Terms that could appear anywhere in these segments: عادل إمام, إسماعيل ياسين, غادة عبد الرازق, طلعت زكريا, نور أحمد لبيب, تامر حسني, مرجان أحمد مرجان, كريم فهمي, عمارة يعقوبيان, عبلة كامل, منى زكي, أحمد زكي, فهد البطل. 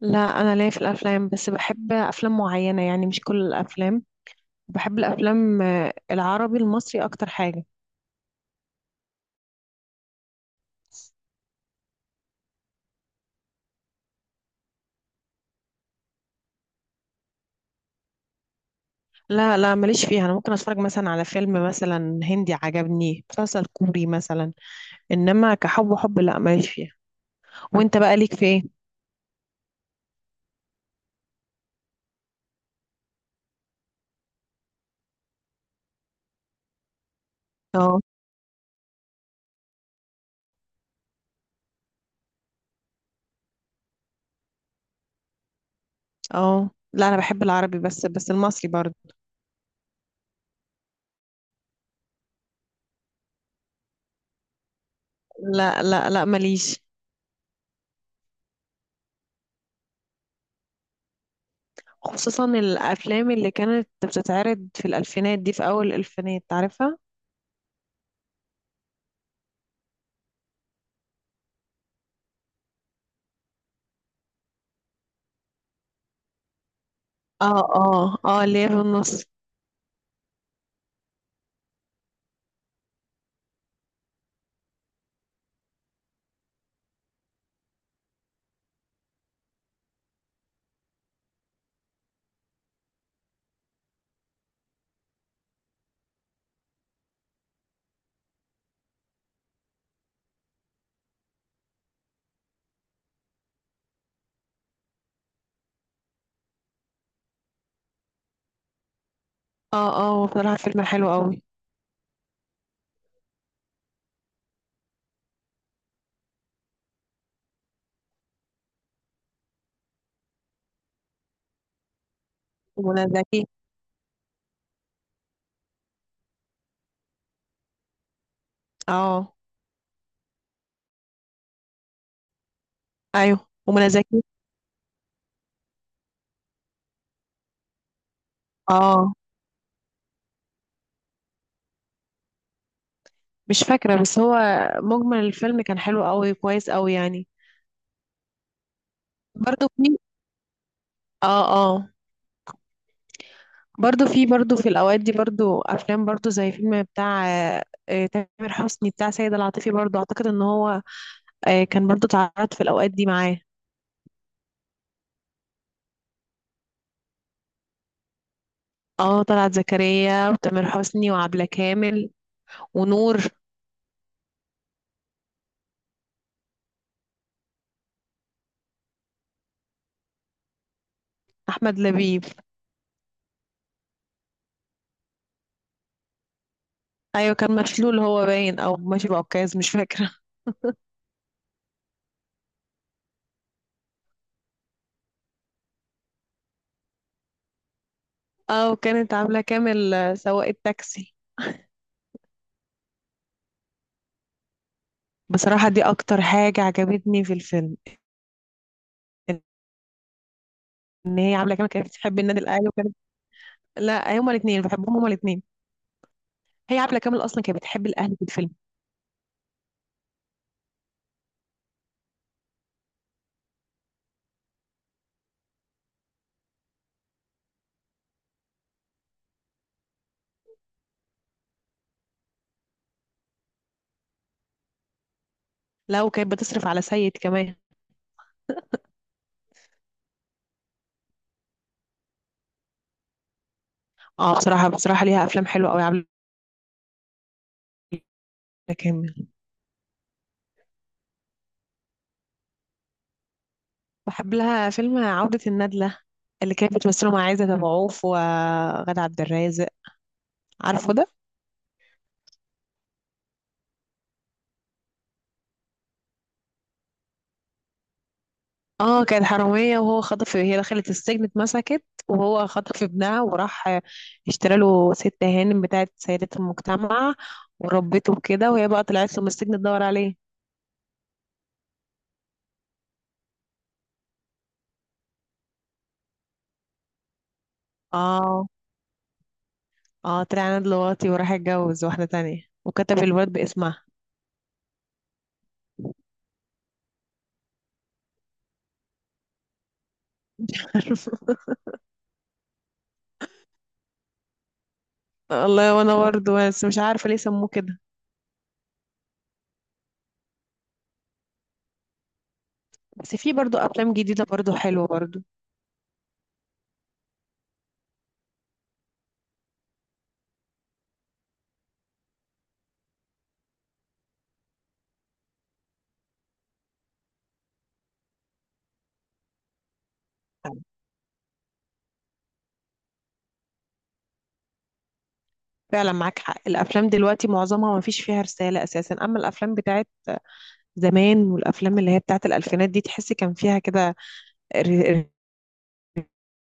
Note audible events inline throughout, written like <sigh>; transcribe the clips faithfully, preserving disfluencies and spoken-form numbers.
لا، انا ليا في الافلام بس بحب افلام معينه، يعني مش كل الافلام. بحب الافلام آه، العربي المصري اكتر حاجه. لا لا ماليش فيها، انا ممكن اتفرج مثلا على فيلم مثلا هندي، عجبني مسلسل كوري مثلا. انما كحب وحب لا ماليش فيها. وانت بقى ليك في ايه؟ اه، اه، لا انا بحب العربي، بس بس المصري برضه. لا لا لا ماليش. خصوصا الافلام اللي كانت بتتعرض في الالفينات دي، في اول الالفينات، عارفها. اه اه اه اللي هي في النص. اه اه، هو بصراحة فيلم حلو قوي. ومنى زكي. اه، ايوه ومنى زكي. اه، مش فاكرة، بس هو مجمل الفيلم كان حلو قوي، كويس قوي يعني. برضو في. اه. اه. برضو في، برضو في الأوقات دي برضو أفلام، برضو زي فيلم بتاع آه، آه، تامر حسني بتاع سيد العاطفي، برضو أعتقد إن هو آه، كان برضو اتعرض في الأوقات دي معاه. اه، طلعت زكريا وتامر حسني وعبلة كامل ونور. أحمد لبيب. أيوة، كان مشلول هو باين، أو ماشي بعكاز، مش فاكرة. اه، وكانت عاملة كامل آه، سواق التاكسي. بصراحة دي أكتر حاجة عجبتني في الفيلم. إن هي عاملة كامل كانت بتحب النادي الأهلي وكانت. لا هما الاتنين بحبهم، هما الاتنين. هي عاملة كامل أصلا كانت بتحب الأهلي في الفيلم. لا، وكانت بتصرف على سيد كمان. اه، بصراحة بصراحة ليها أفلام حلوة أوي عاملة كامل. بحب لها فيلم عودة الندلة، اللي كانت بتمثله مع عايزة أبو عوف وغادة عبد الرازق. عارفه ده. اه، كانت حرامية، وهو خطف، هي دخلت السجن اتمسكت وهو خطف ابنها وراح اشترى له ست هانم بتاعت سيدة المجتمع، وربته كده، وهي بقى طلعت له من السجن تدور عليه. اه اه، طلع انا دلوقتي وراح اتجوز واحدة تانية وكتب الولد باسمها. <laughs> مش عارفة. والله وانا برضه، بس مش عارفة ليه سموه كده. بس في برضه افلام جديدة برضه حلوة برضه. فعلا معاك حق، الافلام دلوقتي معظمها ما فيش فيها رسالة اساسا، اما الافلام بتاعت زمان والافلام اللي هي بتاعت الالفينات دي تحس كان فيها كده ر-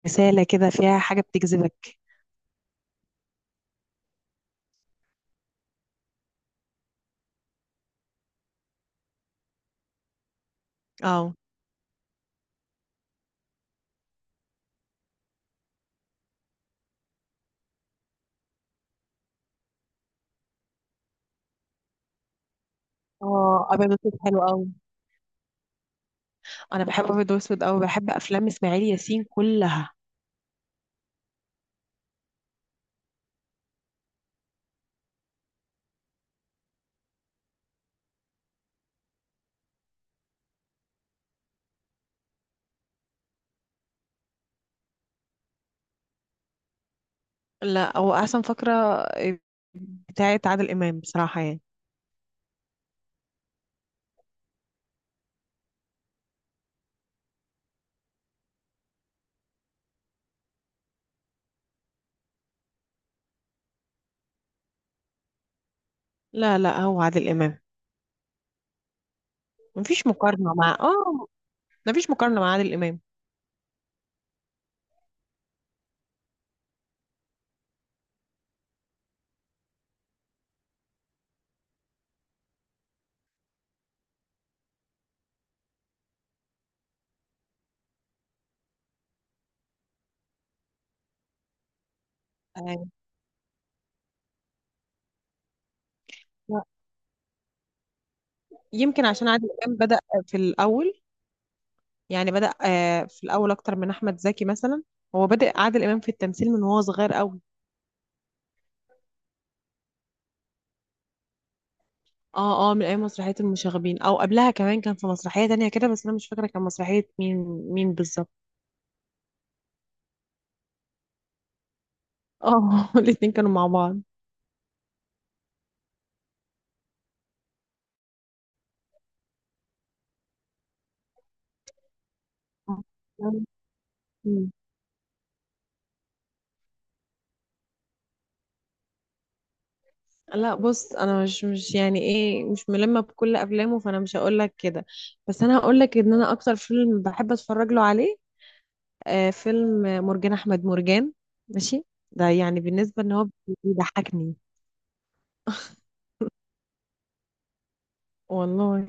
رسالة كده، فيها حاجة بتجذبك. اه اه، ابيض واسود حلو قوي. انا بحب ابيض واسود قوي، بحب افلام اسماعيل ياسين كلها. لا هو احسن فقره بتاعت عادل امام بصراحه يعني. لا لا، هو عادل امام. مفيش مقارنه مع اه، مفيش مقارنه مع عادل امام. آه، يمكن عشان عادل امام بدا في الاول، يعني بدا آه، في الاول اكتر من احمد زكي مثلا. هو بدا عادل امام في التمثيل من وهو صغير قوي. اه اه، من اي مسرحية المشاغبين، او قبلها كمان كان في مسرحية تانية كده، بس انا مش فاكرة كان مسرحية مين، مين بالظبط. اه <laughs> الاتنين كانوا مع بعض. مم. لا بص، انا مش مش يعني ايه، مش ملمة بكل افلامه، فانا مش هقول لك كده، بس انا هقول لك ان انا اكتر فيلم بحب اتفرج له عليه آه فيلم مرجان احمد مرجان. ماشي، ده يعني بالنسبة ان هو بيضحكني. والله.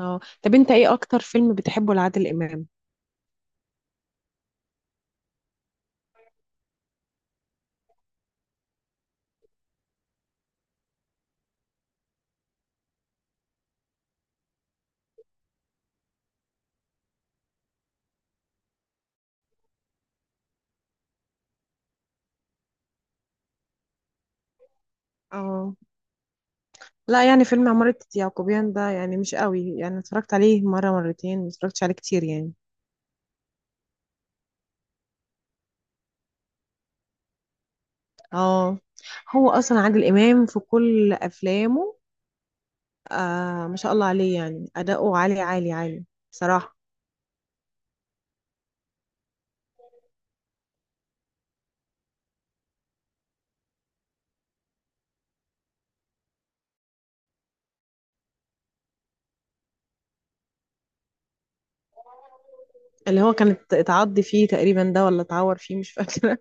اه، طب انت ايه اكتر فيلم بتحبه لعادل امام؟ اه لا، يعني فيلم عمارة يعقوبيان ده يعني مش قوي، يعني اتفرجت عليه مرة مرتين، ما اتفرجتش عليه كتير يعني. اه، هو اصلا عادل امام في كل افلامه آه ما شاء الله عليه، يعني اداؤه عالي عالي عالي بصراحة. اللي هو كانت اتعض فيه تقريبا ده، ولا اتعور فيه مش فاكرة.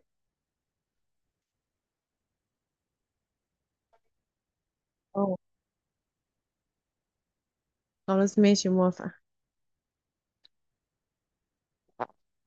اه، خلاص ماشي، موافقة.